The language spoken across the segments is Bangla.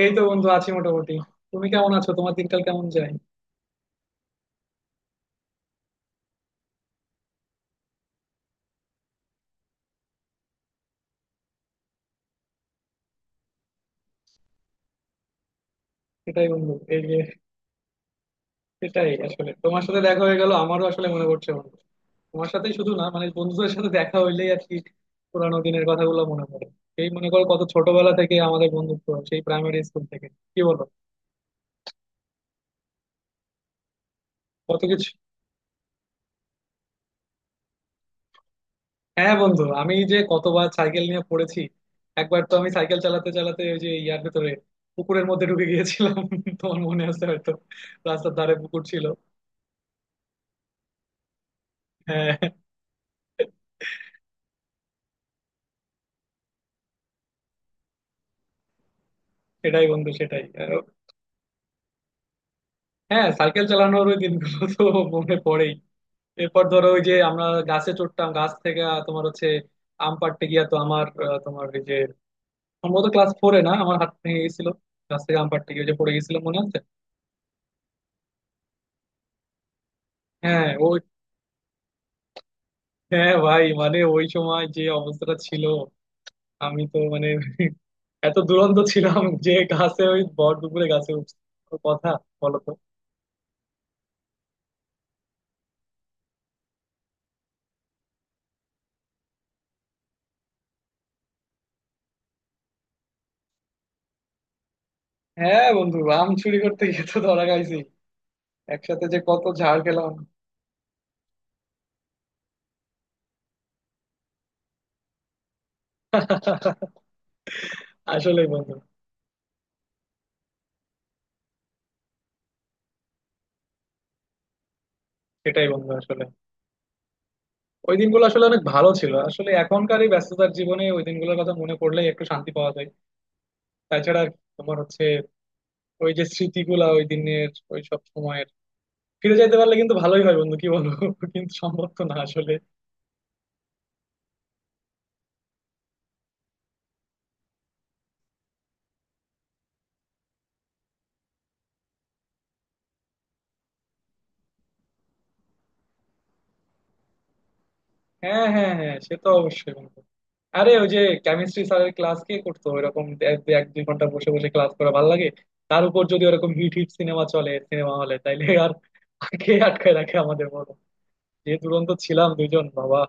এই তো বন্ধু আছি মোটামুটি। তুমি কেমন আছো? তোমার দিনকাল কেমন যায়? সেটাই বন্ধু, এই যে সেটাই আসলে, তোমার সাথে দেখা হয়ে গেল, আমারও আসলে মনে পড়ছে বন্ধু। তোমার সাথেই শুধু না, মানে বন্ধুদের সাথে দেখা হইলেই আর কি, পুরানো দিনের কথাগুলো মনে পড়ে। এই মনে করো, কত ছোটবেলা থেকে আমাদের বন্ধুত্ব, সেই প্রাইমারি স্কুল থেকে। কি বলো? কত কিছু। হ্যাঁ বন্ধু, আমি যে কতবার সাইকেল নিয়ে পড়েছি। একবার তো আমি সাইকেল চালাতে চালাতে ওই যে ইয়ার ভেতরে পুকুরের মধ্যে ঢুকে গিয়েছিলাম তোমার মনে আছে হয়তো। রাস্তার ধারে পুকুর ছিল। হ্যাঁ সেটাই বন্ধু সেটাই। আর হ্যাঁ সাইকেল চালানোর ওই দিনগুলো তো মনে পড়েই। এরপর ধরো ওই যে আমরা গাছে চড়তাম, গাছ থেকে তোমার হচ্ছে আম পাড়তে গিয়া তো আমার তোমার ওই যে সম্ভবত ক্লাস ফোরে না আমার হাত ভেঙে গেছিল, গাছ থেকে আম পাড়তে গিয়ে ওই যে পড়ে গেছিল মনে আছে। হ্যাঁ ওই। হ্যাঁ ভাই, মানে ওই সময় যে অবস্থাটা ছিল, আমি তো মানে এত দুরন্ত ছিলাম যে গাছে ওই ভর দুপুরে গাছে উঠছি, কোনো কথা বলো তো। হ্যাঁ বন্ধু, আম চুরি করতে গিয়ে তো ধরা খাইছি, একসাথে যে কত ঝাড় খেলাম। আসলেই বন্ধু। সেটাই বন্ধু আসলে ওই দিনগুলো আসলে অনেক ভালো ছিল, আসলে এখনকার এই ব্যস্ততার জীবনে ওই দিনগুলোর কথা মনে পড়লেই একটু শান্তি পাওয়া যায়। তাছাড়া আর তোমার হচ্ছে ওই যে স্মৃতিগুলা ওই দিনের, ওই সব সময়ের ফিরে যাইতে পারলে কিন্তু ভালোই হয় বন্ধু, কি বলবো কিন্তু সম্ভব তো না আসলে। হ্যাঁ হ্যাঁ হ্যাঁ, সে তো অবশ্যই বন্ধু। আরে ওই যে কেমিস্ট্রি স্যারের ক্লাস কে করতো, এরকম এক দুই ঘন্টা বসে বসে ক্লাস করা ভালো লাগে। তার উপর যদি ওরকম হিট হিট সিনেমা চলে সিনেমা হলে তাইলে আর কে আটকায় রাখে আমাদের, বলো? যে দুরন্ত ছিলাম দুজন বাবা।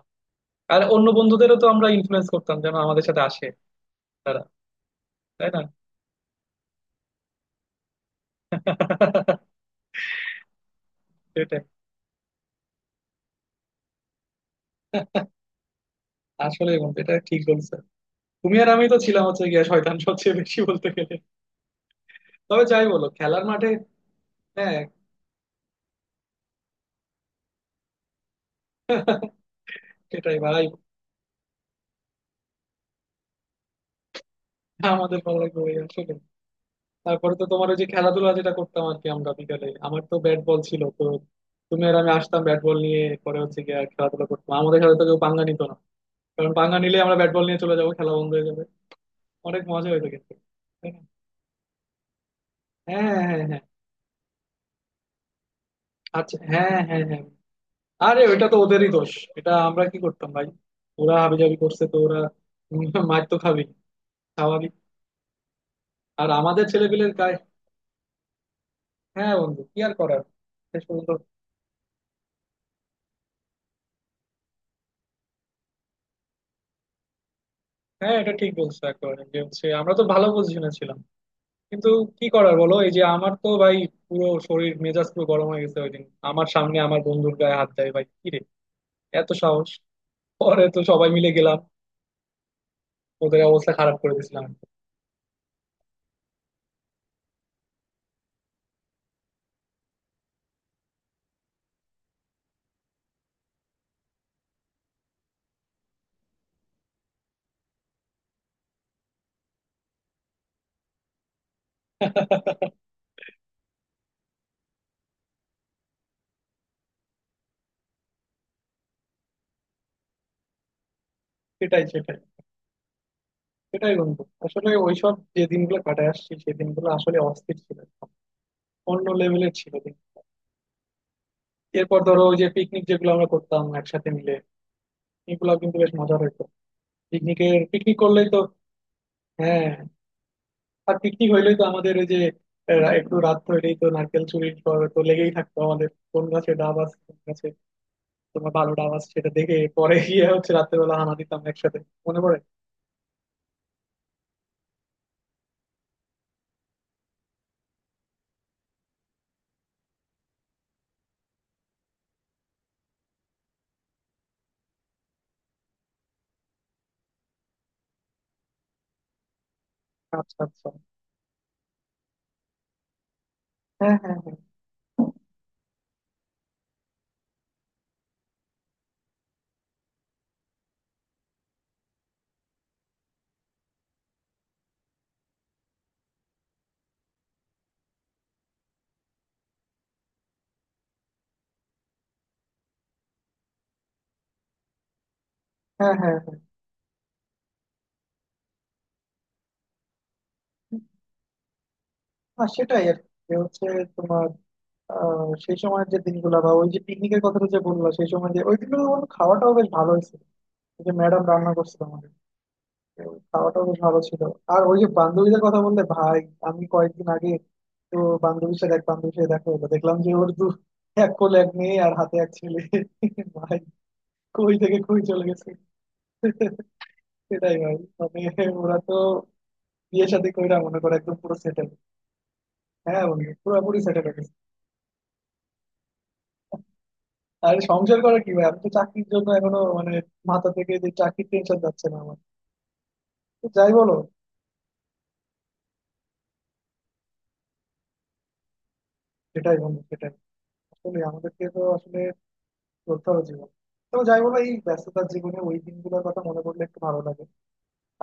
আর অন্য বন্ধুদেরও তো আমরা ইনফ্লুয়েন্স করতাম যেন আমাদের সাথে আসে তারা। তাই না? সেটাই। আসলে বন্ধু এটা ঠিক বলছো, তুমি আর আমি তো ছিলাম হচ্ছে গিয়া শয়তান সবচেয়ে বেশি বলতে গেলে। তবে যাই বলো, খেলার মাঠে। হ্যাঁ। সেটাই ভাই। আমাদের ভালো লাগবে ভাই আসলে। তারপরে তো তোমার ওই যে খেলাধুলা যেটা করতাম আর কি, আমরা বিকালে আমার তো ব্যাট বল ছিল তো, তুমি আর আমি আসতাম ব্যাট বল নিয়ে, পরে হচ্ছে গিয়ে খেলাধুলা করতাম। আমাদের সাথে তো কেউ পাঙ্গা নিত না, কারণ পাঙ্গা নিলে আমরা ব্যাট বল নিয়ে চলে যাবো, খেলা বন্ধ হয়ে যাবে। অনেক মজা হইতো কিন্তু। তাই না? হ্যাঁ হ্যাঁ হ্যাঁ। আচ্ছা হ্যাঁ হ্যাঁ হ্যাঁ। আরে ওইটা তো ওদেরই দোষ, এটা আমরা কি করতাম ভাই, ওরা হাবিজাবি করছে, তো ওরা উম মার তো খাবি, স্বাভাবিক। আর আমাদের ছেলেপিলের গায়ে। হ্যাঁ বন্ধু, কি আর করার। শেষ পর্যন্ত হ্যাঁ এটা ঠিক বলছো একেবারে, যে হচ্ছে আমরা তো ভালো পজিশনে ছিলাম, কিন্তু কি করার বলো। এই যে আমার তো ভাই পুরো শরীর মেজাজ পুরো গরম হয়ে গেছে ওই দিন, আমার সামনে আমার বন্ধুর গায়ে হাত দেয়, ভাই কি রে এত সাহস! পরে তো সবাই মিলে গেলাম, ওদের অবস্থা খারাপ করে দিয়েছিলাম। সেটাই সেটাই সেটাই বন্ধু। আসলে ওইসব যে দিনগুলো কাটায় আসছি, সেই দিনগুলো আসলে অস্থির ছিল, অন্য লেভেলের ছিল দিন। এরপর ধরো ওই যে পিকনিক যেগুলো আমরা করতাম একসাথে মিলে, এগুলো কিন্তু বেশ মজার হতো। পিকনিকের পিকনিক করলেই তো হ্যাঁ, আর পিকনিক হইলেই তো আমাদের ওই যে একটু রাত হইলেই তো নারকেল চুরির পর তো লেগেই থাকতো আমাদের, কোন গাছে ডাব আছে কোন গাছে তোমার ভালো ডাব আছে সেটা দেখে পরে গিয়ে হচ্ছে রাত্রে বেলা হানা দিতাম একসাথে। মনে পড়ে? আচ্ছা আচ্ছা। হ্যাঁ হ্যাঁ হ্যাঁ। হ্যাঁ হ্যাঁ হ্যাঁ। আর সেটাই আর কি। যে হচ্ছে তোমার সেই সময়ের যে দিনগুলো, বা ওই যে পিকনিকের কথাটা যে বললো, সেই সময় যে ওই দিনগুলো আমার খাওয়াটাও বেশ ভালো হয়েছিল। ওই যে ম্যাডাম রান্না করছিল আমাদের, তো ওই খাওয়াটাও বেশ ভালো ছিল। আর ওই যে বান্ধবীদের কথা বললে ভাই, আমি কয়েকদিন আগে তো বান্ধবীর সাথে এক বান্ধবীর সাথে দেখা হলো, দেখলাম যে ওর দু এক কোলে এক মেয়ে আর হাতে এক ছেলে। ভাই কই থেকে কই চলে গেছে। সেটাই ভাই মানে ওরা তো বিয়ে শাদী কইরা মনে করে একদম পুরো সেটেল। হ্যাঁ বন্ধু পুরোপুরি সেটেল। আর সংসার করা কি ভাই, আমি তো চাকরির জন্য এখনো মানে মাথা থেকে যে চাকরির টেনশন যাচ্ছে না আমার। তো যাই বলো। সেটাই বন্ধু সেটাই। আসলে আমাদেরকে তো আসলে চলতে হবে জীবন। তো যাই বলো এই ব্যস্ততার জীবনে ওই দিনগুলোর কথা মনে পড়লে একটু ভালো লাগে।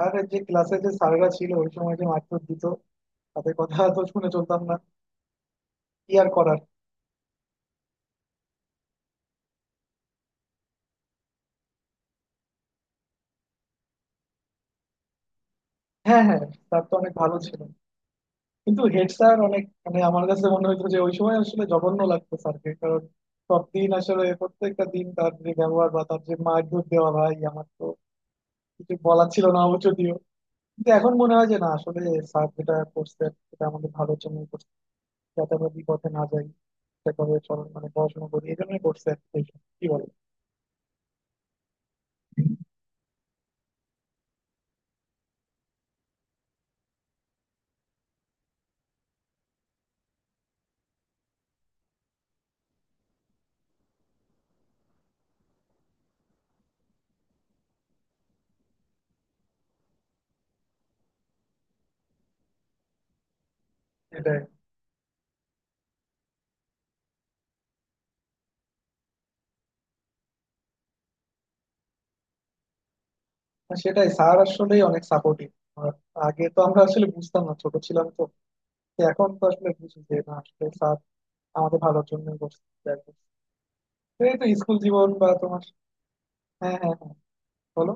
আর এই যে ক্লাসে যে স্যাররা ছিল ওই সময় যে মারধর দিত, তাদের কথা তো শুনে চলতাম না, কি আর করার। হ্যাঁ হ্যাঁ, স্যার তো অনেক ভালো ছিল। কিন্তু হেড স্যার অনেক মানে আমার কাছে মনে হয়েছে যে ওই সময় আসলে জঘন্য লাগতো স্যারকে। কারণ সব দিন আসলে প্রত্যেকটা দিন তার যে ব্যবহার বা তার যে মারধর দেওয়া, ভাই আমার তো কিছু বলার ছিল না অবশ্য যদিও। কিন্তু এখন মনে হয় যে না আসলে স্যার যেটা করছেন সেটা আমাদের ভালোর জন্য করছে, যাতে আমরা বিপথে না যাই, সেভাবে চল মানে পড়াশোনা করি এই জন্যই করছে। আর কি কি বলে। সেটাই। আর সেটাই স্যার আসলে অনেক সাপোর্টিভ। আগে তো আমরা আসলে বুঝতাম না, ছোট ছিলাম তো। তো এখন তো আসলে বুঝি যে না আসলে স্যার আমাদের ভালোর জন্য করছে। এই তো স্কুল জীবন বা তোমার। হ্যাঁ হ্যাঁ হ্যাঁ। বলো।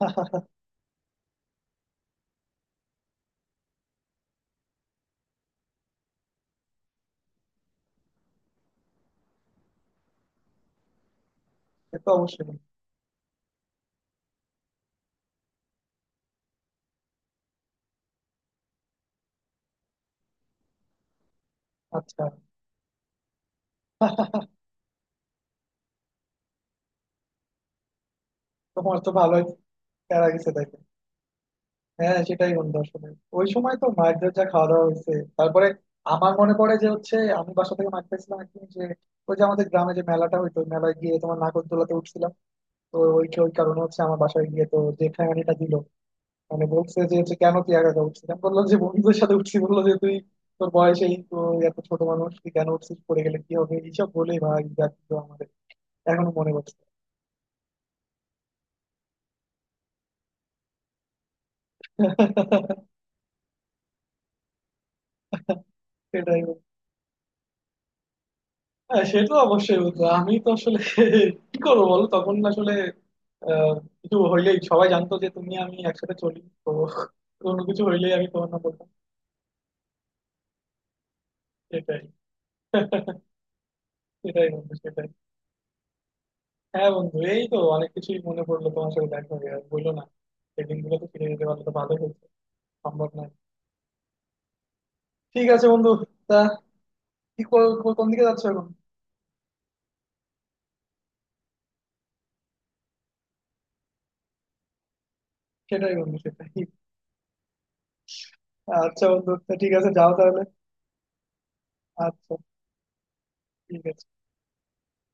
সে তো অবশ্যই। আচ্ছা। তোমার তো ভালোই প্যারা গেছে তাইলে। হ্যাঁ হ্যাঁ, সেটাই বন্ধু আসলে ওই সময় তো মায়ের যা খাওয়া দাওয়া হয়েছে। তারপরে আমার মনে পড়ে যে হচ্ছে আমি বাসা থেকে মাঠ পাইছিলাম একদিন, যে ওই যে আমাদের গ্রামে যে মেলাটা হইতো ওই মেলায় গিয়ে তোমার নাগরদোলাতে উঠছিলাম। তো ওই ওই কারণে হচ্ছে আমার বাসায় গিয়ে তো যে ঠেঙানিটা দিল, মানে বলছে যে হচ্ছে কেন তুই একা একা উঠছিলাম, বললো যে বন্ধুদের সাথে উঠছি, বললো যে তুই তোর বয়সেই তো এত ছোট মানুষ তুই কেন উঠছিস, পড়ে গেলে কি হবে, এইসব বলে ভাই যা দিল আমার এখনো মনে পড়ছে। সেটাই বন্ধু। হ্যাঁ সে তো অবশ্যই বন্ধু। আমি তো আসলে কি করবো বলো, তখন আসলে আহ, কিছু হইলেই সবাই জানতো যে তুমি আমি একসাথে চলি তো, কোনো কিছু হইলেই আমি তোমার না বলতাম। সেটাই। সেটাই বন্ধু সেটাই। হ্যাঁ বন্ধু এই তো অনেক কিছুই মনে পড়লো, তোমার সাথে দেখা হয়ে আর বললো না। সেই দিনগুলো তো ফিরে যেতে পারলে তো ভালো হতো, সম্ভব নয়। ঠিক আছে বন্ধু, তা কোন দিকে যাচ্ছ এখন? সেটাই বন্ধু সেটাই। আচ্ছা বন্ধু তা ঠিক আছে, যাও তাহলে। আচ্ছা ঠিক আছে।